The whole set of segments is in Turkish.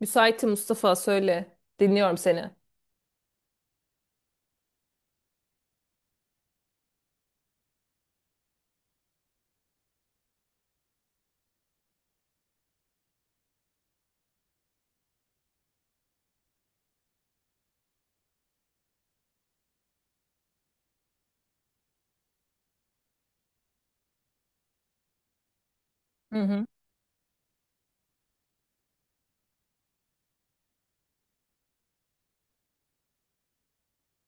Müsaitim Mustafa söyle. Dinliyorum seni. Hı hı.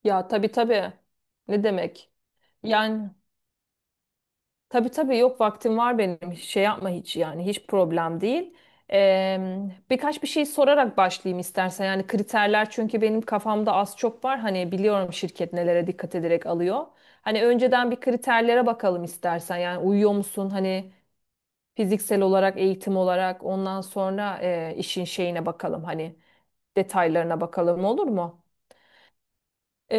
Ya tabii tabii. Ne demek? Yani tabii tabii yok vaktim var benim. Şey yapma hiç yani hiç problem değil. Ee, Birkaç bir şey sorarak başlayayım istersen. Yani kriterler çünkü benim kafamda az çok var. Hani biliyorum şirket nelere dikkat ederek alıyor. Hani önceden bir kriterlere bakalım istersen. Yani uyuyor musun? Hani fiziksel olarak, eğitim olarak ondan sonra işin şeyine bakalım. Hani detaylarına bakalım olur mu? Ee,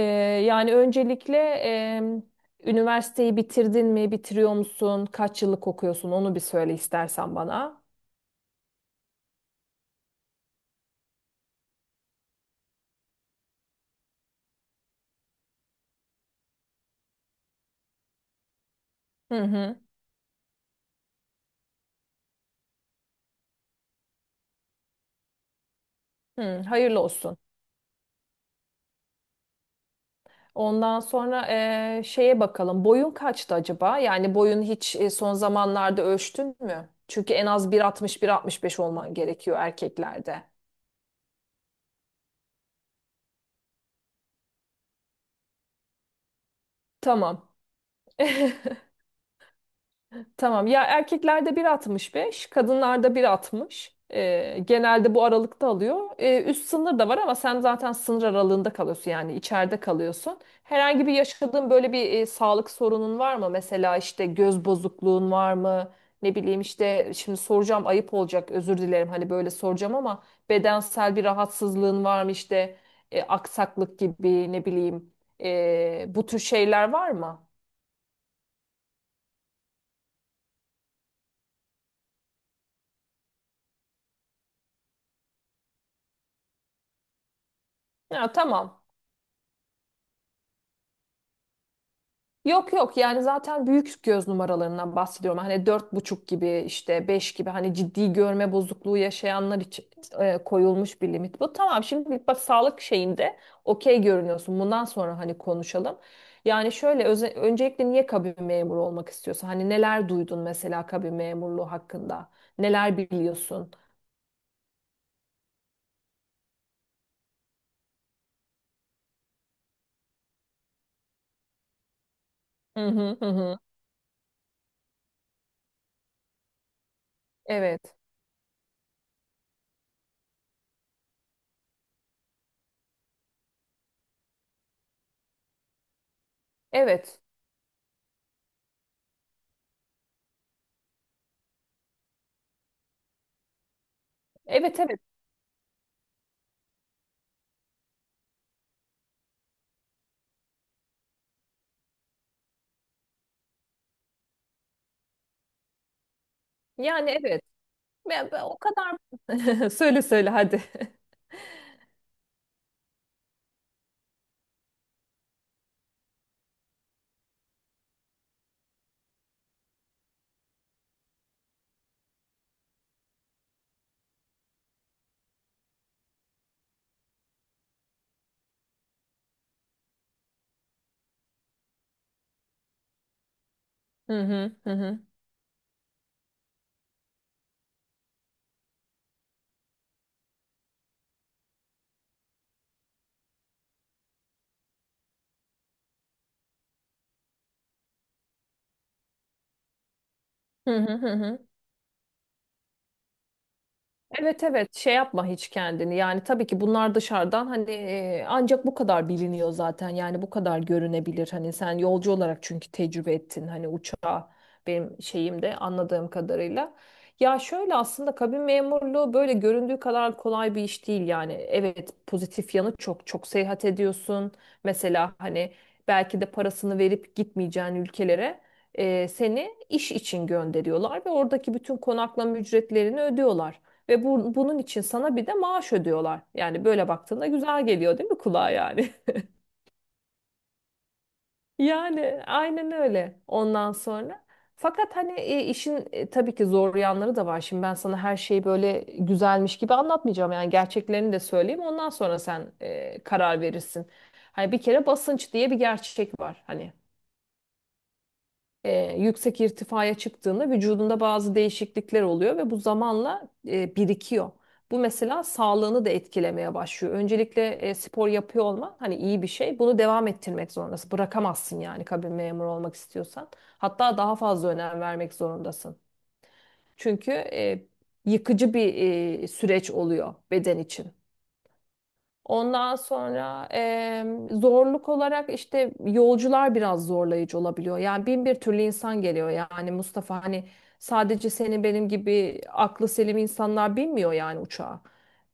Yani öncelikle üniversiteyi bitirdin mi, bitiriyor musun, kaç yıllık okuyorsun onu bir söyle istersen bana. Hı hı. Hı, hayırlı olsun. Ondan sonra şeye bakalım. Boyun kaçtı acaba? Yani boyun hiç son zamanlarda ölçtün mü? Çünkü en az 1,60-1,65 olman gerekiyor erkeklerde. Tamam. Tamam. Ya erkeklerde bir altmış beş, kadınlarda 1,60. Genelde bu aralıkta alıyor. Üst sınır da var ama sen zaten sınır aralığında kalıyorsun yani içeride kalıyorsun. Herhangi bir yaşadığın böyle bir sağlık sorunun var mı? Mesela işte göz bozukluğun var mı? Ne bileyim işte şimdi soracağım ayıp olacak özür dilerim hani böyle soracağım ama bedensel bir rahatsızlığın var mı işte aksaklık gibi ne bileyim bu tür şeyler var mı? Ya tamam. Yok yok yani zaten büyük göz numaralarından bahsediyorum. Hani dört buçuk gibi işte beş gibi hani ciddi görme bozukluğu yaşayanlar için koyulmuş bir limit. Bu tamam şimdi bak sağlık şeyinde okey görünüyorsun. Bundan sonra hani konuşalım. Yani şöyle öncelikle niye kabin memuru olmak istiyorsun? Hani neler duydun mesela kabin memurluğu hakkında? Neler biliyorsun? Hı hı hı. Hı. Evet. Evet. Evet evet. Yani evet. Ben o kadar. Söyle söyle hadi. Hı hı hı. Hı. Hı hı hı hı. Evet evet şey yapma hiç kendini yani tabii ki bunlar dışarıdan hani ancak bu kadar biliniyor zaten yani bu kadar görünebilir hani sen yolcu olarak çünkü tecrübe ettin hani uçağı benim şeyim de anladığım kadarıyla. Ya şöyle aslında kabin memurluğu böyle göründüğü kadar kolay bir iş değil yani evet pozitif yanı çok çok seyahat ediyorsun mesela hani belki de parasını verip gitmeyeceğin ülkelere seni iş için gönderiyorlar ve oradaki bütün konaklama ücretlerini ödüyorlar. Ve bu, bunun için sana bir de maaş ödüyorlar. Yani böyle baktığında güzel geliyor değil mi kulağa yani? Yani aynen öyle ondan sonra. Fakat hani işin tabii ki zor yanları da var. Şimdi ben sana her şeyi böyle güzelmiş gibi anlatmayacağım. Yani gerçeklerini de söyleyeyim. Ondan sonra sen karar verirsin. Hani bir kere basınç diye bir gerçek var. Hani yüksek irtifaya çıktığında vücudunda bazı değişiklikler oluyor ve bu zamanla birikiyor. Bu mesela sağlığını da etkilemeye başlıyor. Öncelikle spor yapıyor olman hani iyi bir şey. Bunu devam ettirmek zorundasın. Bırakamazsın yani kabin memuru olmak istiyorsan. Hatta daha fazla önem vermek zorundasın. Çünkü yıkıcı bir süreç oluyor beden için. Ondan sonra zorluk olarak işte yolcular biraz zorlayıcı olabiliyor. Yani bin bir türlü insan geliyor yani Mustafa hani sadece senin benim gibi aklı selim insanlar binmiyor yani uçağa.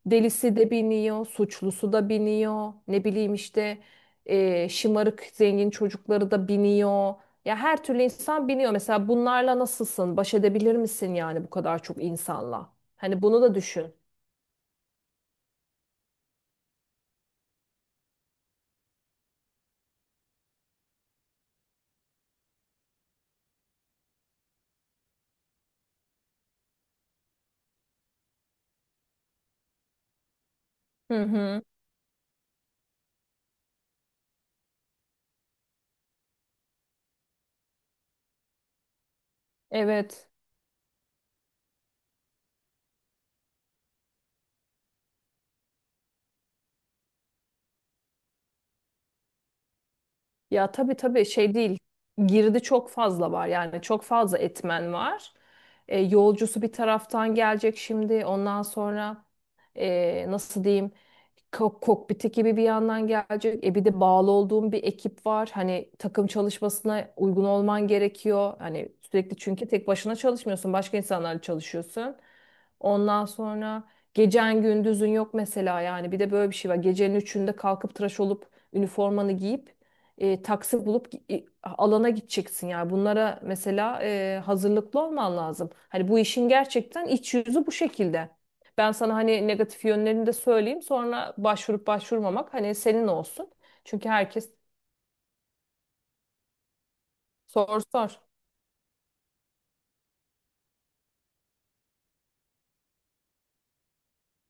Delisi de biniyor, suçlusu da biniyor, ne bileyim işte şımarık zengin çocukları da biniyor. Ya her türlü insan biniyor. Mesela bunlarla nasılsın? Baş edebilir misin yani bu kadar çok insanla? Hani bunu da düşün. Hı hı. Evet. Ya tabii tabii şey değil. Girdi çok fazla var yani çok fazla etmen var. Yolcusu bir taraftan gelecek şimdi. Ondan sonra nasıl diyeyim kokpit ekibi bir yandan gelecek. Bir de bağlı olduğum bir ekip var. Hani takım çalışmasına uygun olman gerekiyor. Hani sürekli çünkü tek başına çalışmıyorsun. Başka insanlarla çalışıyorsun. Ondan sonra gecen gündüzün yok mesela yani. Bir de böyle bir şey var. Gecenin üçünde kalkıp tıraş olup üniformanı giyip taksi bulup alana gideceksin yani bunlara mesela hazırlıklı olman lazım. Hani bu işin gerçekten iç yüzü bu şekilde. Ben sana hani negatif yönlerini de söyleyeyim sonra başvurup başvurmamak hani senin olsun. Çünkü herkes sor sor.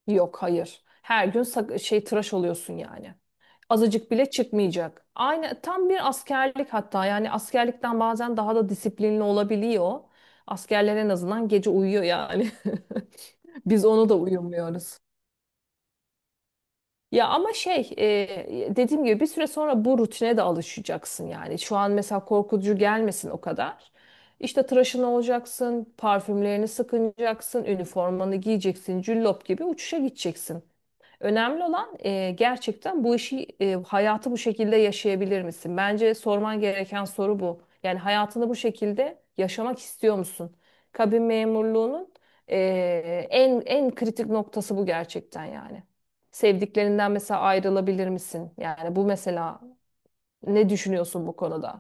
Yok hayır. Her gün tıraş oluyorsun yani. Azıcık bile çıkmayacak. Aynı tam bir askerlik hatta yani askerlikten bazen daha da disiplinli olabiliyor. Askerler en azından gece uyuyor yani. Biz onu da uyumuyoruz. Ya ama dediğim gibi bir süre sonra bu rutine de alışacaksın yani. Şu an mesela korkutucu gelmesin o kadar. İşte tıraşın olacaksın, parfümlerini sıkınacaksın, üniformanı giyeceksin, cüllop gibi uçuşa gideceksin. Önemli olan gerçekten bu işi hayatı bu şekilde yaşayabilir misin? Bence sorman gereken soru bu. Yani hayatını bu şekilde yaşamak istiyor musun? Kabin memurluğunun e, en kritik noktası bu gerçekten yani. Sevdiklerinden mesela ayrılabilir misin? Yani bu mesela ne düşünüyorsun bu konuda?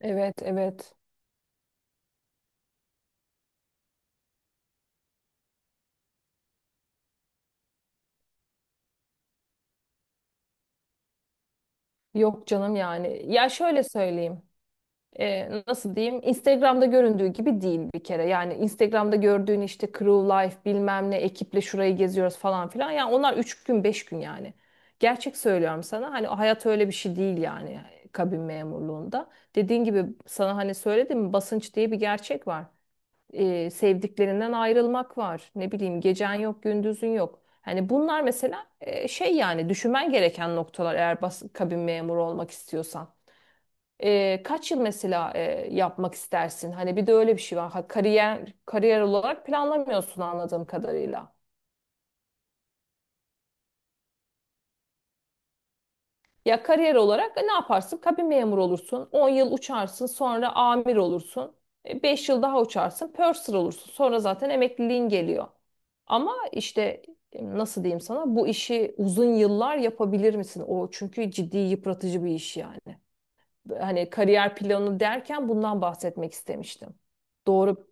Evet, evet. Yok canım yani. Ya şöyle söyleyeyim. Nasıl diyeyim Instagram'da göründüğü gibi değil bir kere. Yani Instagram'da gördüğün işte crew life bilmem ne ekiple şurayı geziyoruz falan filan. Yani onlar 3 gün 5 gün yani. Gerçek söylüyorum sana hani o hayat öyle bir şey değil yani kabin memurluğunda. Dediğin gibi sana hani söyledim basınç diye bir gerçek var. Sevdiklerinden ayrılmak var. Ne bileyim gecen yok gündüzün yok. Hani bunlar mesela şey yani düşünmen gereken noktalar eğer kabin memuru olmak istiyorsan. Kaç yıl mesela yapmak istersin? Hani bir de öyle bir şey var. Ha, kariyer olarak planlamıyorsun anladığım kadarıyla. Ya kariyer olarak ne yaparsın? Kabin memuru olursun. 10 yıl uçarsın, sonra amir olursun. 5 yıl daha uçarsın, purser olursun. Sonra zaten emekliliğin geliyor. Ama işte nasıl diyeyim sana? Bu işi uzun yıllar yapabilir misin? O çünkü ciddi yıpratıcı bir iş yani. Hani kariyer planı derken bundan bahsetmek istemiştim. Doğru.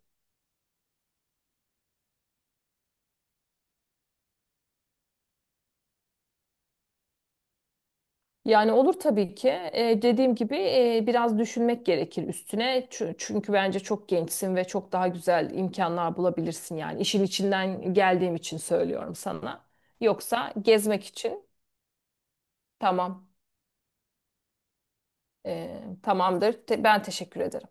Yani olur tabii ki. Dediğim gibi biraz düşünmek gerekir üstüne. Çünkü bence çok gençsin ve çok daha güzel imkanlar bulabilirsin yani. İşin içinden geldiğim için söylüyorum sana. Yoksa gezmek için tamam. Tamamdır. Ben teşekkür ederim.